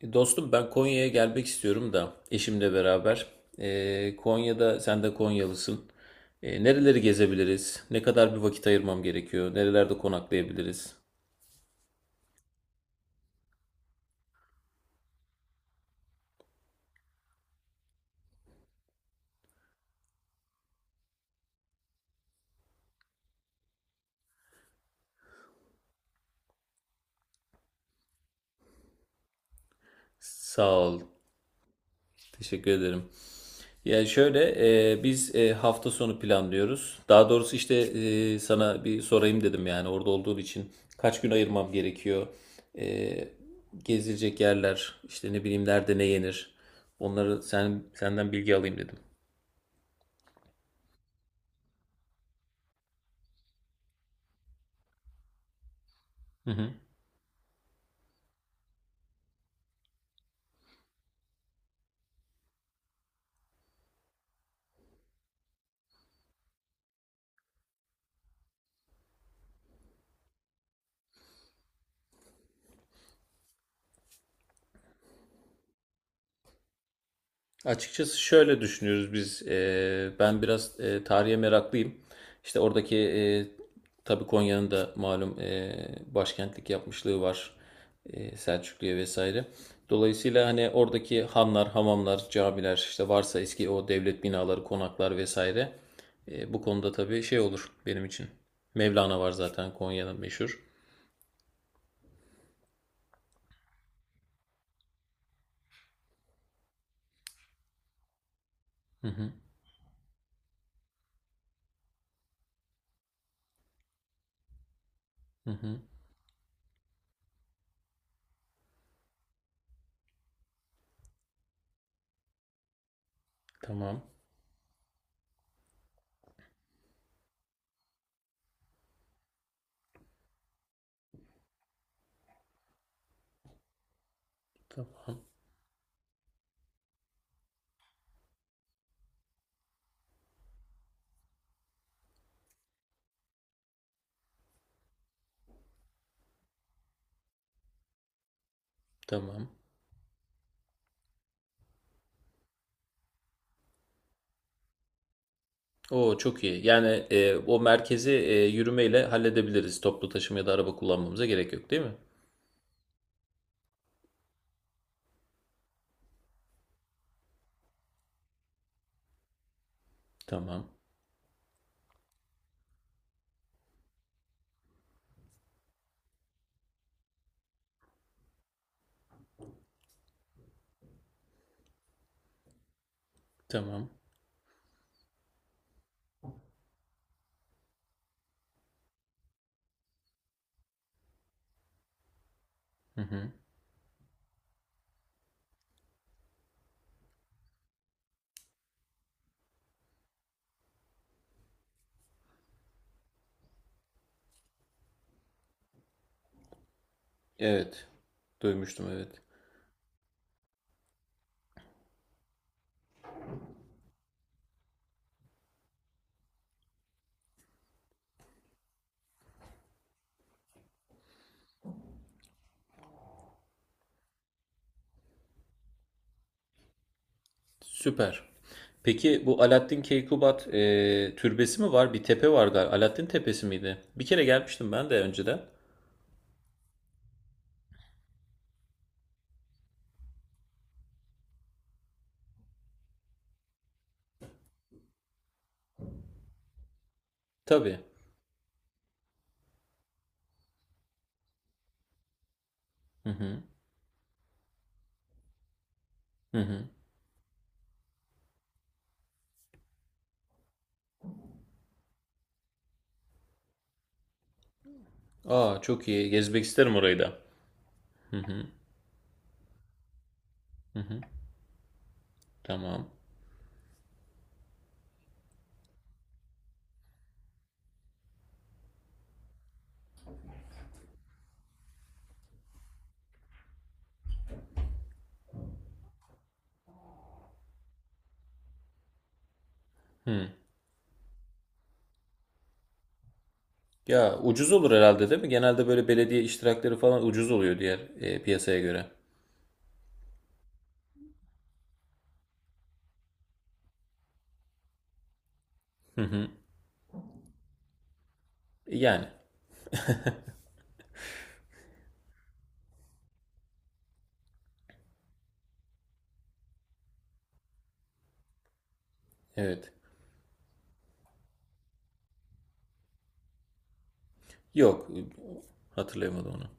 Dostum ben Konya'ya gelmek istiyorum da eşimle beraber. Konya'da sen de Konyalısın. Nereleri gezebiliriz? Ne kadar bir vakit ayırmam gerekiyor? Nerelerde konaklayabiliriz? Sağ ol. Teşekkür ederim. Yani şöyle, biz hafta sonu planlıyoruz. Daha doğrusu işte sana bir sorayım dedim yani orada olduğun için kaç gün ayırmam gerekiyor? E, Gezilecek yerler işte ne bileyim, nerede ne yenir? Onları sen senden bilgi alayım dedim. Hı hı. Açıkçası şöyle düşünüyoruz biz. Ben biraz tarihe meraklıyım. İşte oradaki tabii Konya'nın da malum başkentlik yapmışlığı var. Selçuklu'ya vesaire. Dolayısıyla hani oradaki hanlar, hamamlar, camiler, işte varsa eski o devlet binaları, konaklar vesaire. Bu konuda tabii şey olur benim için. Mevlana var zaten, Konya'nın meşhur. Hı hı, hı hı. Tamam, tamam, tamam. Oo, çok iyi. Yani o merkezi yürümeyle halledebiliriz. Toplu taşıma ya da araba kullanmamıza gerek yok, değil mi? Tamam. Tamam. Hı hı. Evet. Duymuştum, evet. Süper. Peki, bu Alaaddin Keykubat türbesi mi var? Bir tepe var galiba. Alaaddin Tepesi miydi? Bir kere gelmiştim ben de önceden. Tabii. Hı hı. Hı hı. Aa, çok iyi. Gezmek isterim orayı da. Tamam. Ya ucuz olur herhalde, değil mi? Genelde böyle belediye iştirakleri falan ucuz oluyor diğer piyasaya göre. Yani. Evet. Yok, hatırlayamadım onu.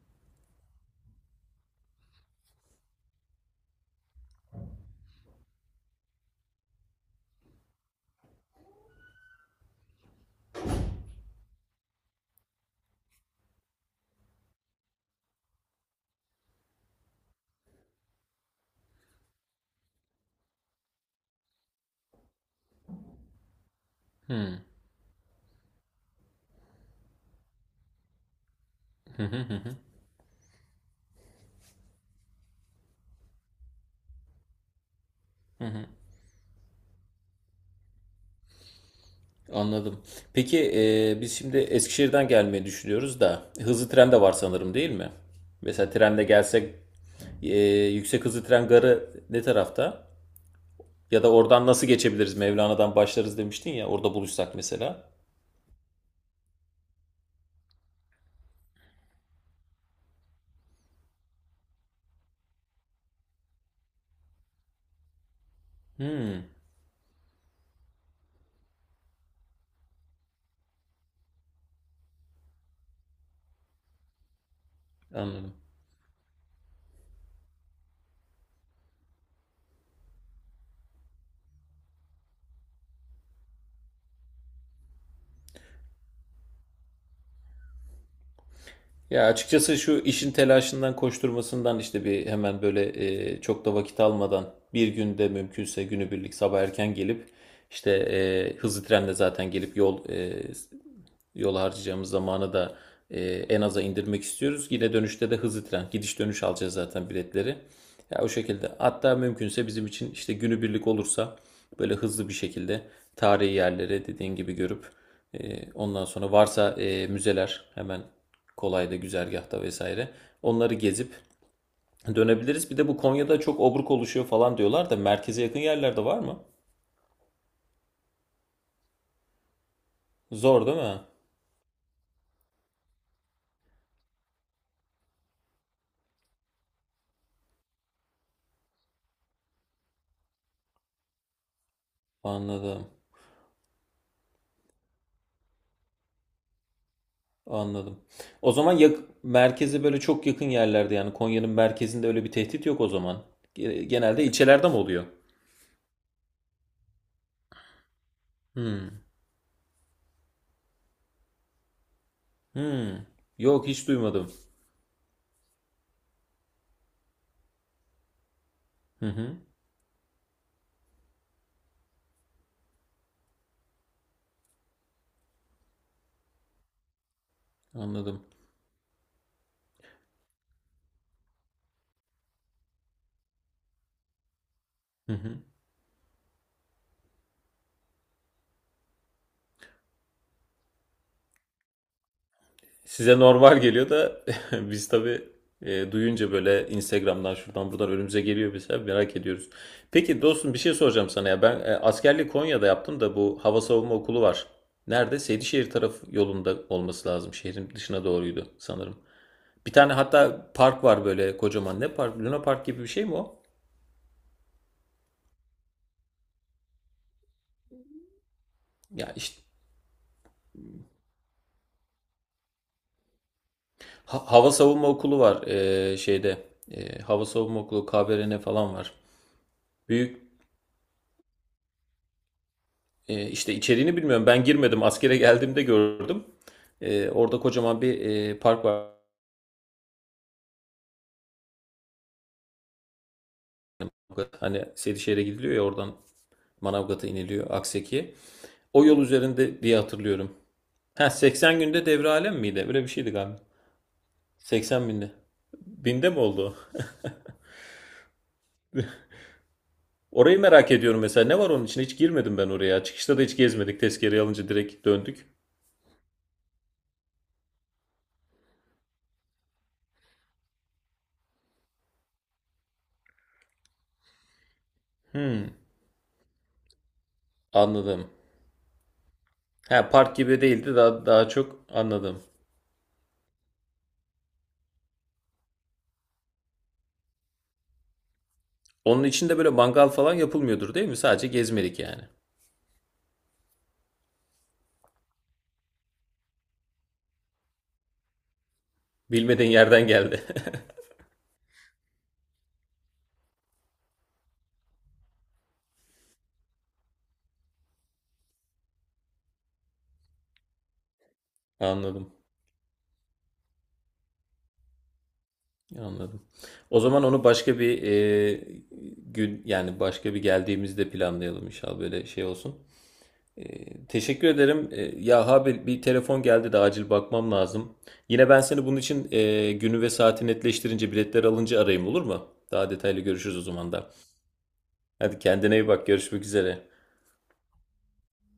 Anladım. Peki biz şimdi Eskişehir'den gelmeyi düşünüyoruz da hızlı tren de var sanırım, değil mi? Mesela trende gelsek e, yüksek hızlı tren garı ne tarafta? Ya da oradan nasıl geçebiliriz? Mevlana'dan başlarız demiştin ya, orada buluşsak mesela. Hmm, anladım. Ya açıkçası şu işin telaşından, koşturmasından işte bir hemen böyle çok da vakit almadan bir günde mümkünse günübirlik sabah erken gelip işte hızlı trenle zaten gelip yol harcayacağımız zamanı da en aza indirmek istiyoruz. Yine dönüşte de hızlı tren, gidiş dönüş alacağız zaten biletleri. Ya o şekilde. Hatta mümkünse bizim için işte günübirlik olursa böyle hızlı bir şekilde tarihi yerlere dediğin gibi görüp ondan sonra varsa müzeler hemen kolayda güzergahta vesaire onları gezip dönebiliriz. Bir de bu Konya'da çok obruk oluşuyor falan diyorlar da merkeze yakın yerlerde var mı? Zor değil mi? Anladım. Anladım. O zaman yak merkeze böyle çok yakın yerlerde, yani Konya'nın merkezinde öyle bir tehdit yok o zaman. Genelde ilçelerde mi oluyor? Hmm. Hmm. Yok, hiç duymadım. Hı hı. Anladım. Hı hı. Size normal geliyor da biz tabii duyunca böyle Instagram'dan şuradan buradan önümüze geliyor, bize merak ediyoruz. Peki dostum, bir şey soracağım sana ya. Ben askerliği Konya'da yaptım da bu hava savunma okulu var. Nerede? Seydişehir tarafı yolunda olması lazım. Şehrin dışına doğruydu sanırım. Bir tane hatta park var böyle kocaman. Ne park? Luna Park gibi bir şey mi o? Ya işte hava savunma okulu var şeyde. Hava savunma okulu KBRN falan var. Büyük, işte içeriğini bilmiyorum. Ben girmedim. Askere geldiğimde gördüm. Orada kocaman bir park var. Hani Sedişehir'e gidiliyor ya, oradan Manavgat'a iniliyor, Akseki'ye. O yol üzerinde diye hatırlıyorum. Ha, 80 günde devre alem miydi? Böyle bir şeydi galiba. 80 binde. Binde mi oldu o? Orayı merak ediyorum mesela. Ne var onun için? Hiç girmedim ben oraya. Çıkışta da hiç gezmedik. Tezkereyi alınca direkt döndük. Hmm, anladım. Ha, park gibi değildi. Daha çok anladım. Onun içinde böyle mangal falan yapılmıyordur, değil mi? Sadece gezmelik yani. Bilmediğin yerden geldi. Anladım. Anladım. O zaman onu başka bir gün, yani başka bir geldiğimizde planlayalım inşallah, böyle şey olsun. Teşekkür ederim. Ya abi, bir telefon geldi de acil bakmam lazım. Yine ben seni bunun için günü ve saati netleştirince, biletler alınca arayayım, olur mu? Daha detaylı görüşürüz o zaman da. Hadi, kendine iyi bak. Görüşmek üzere.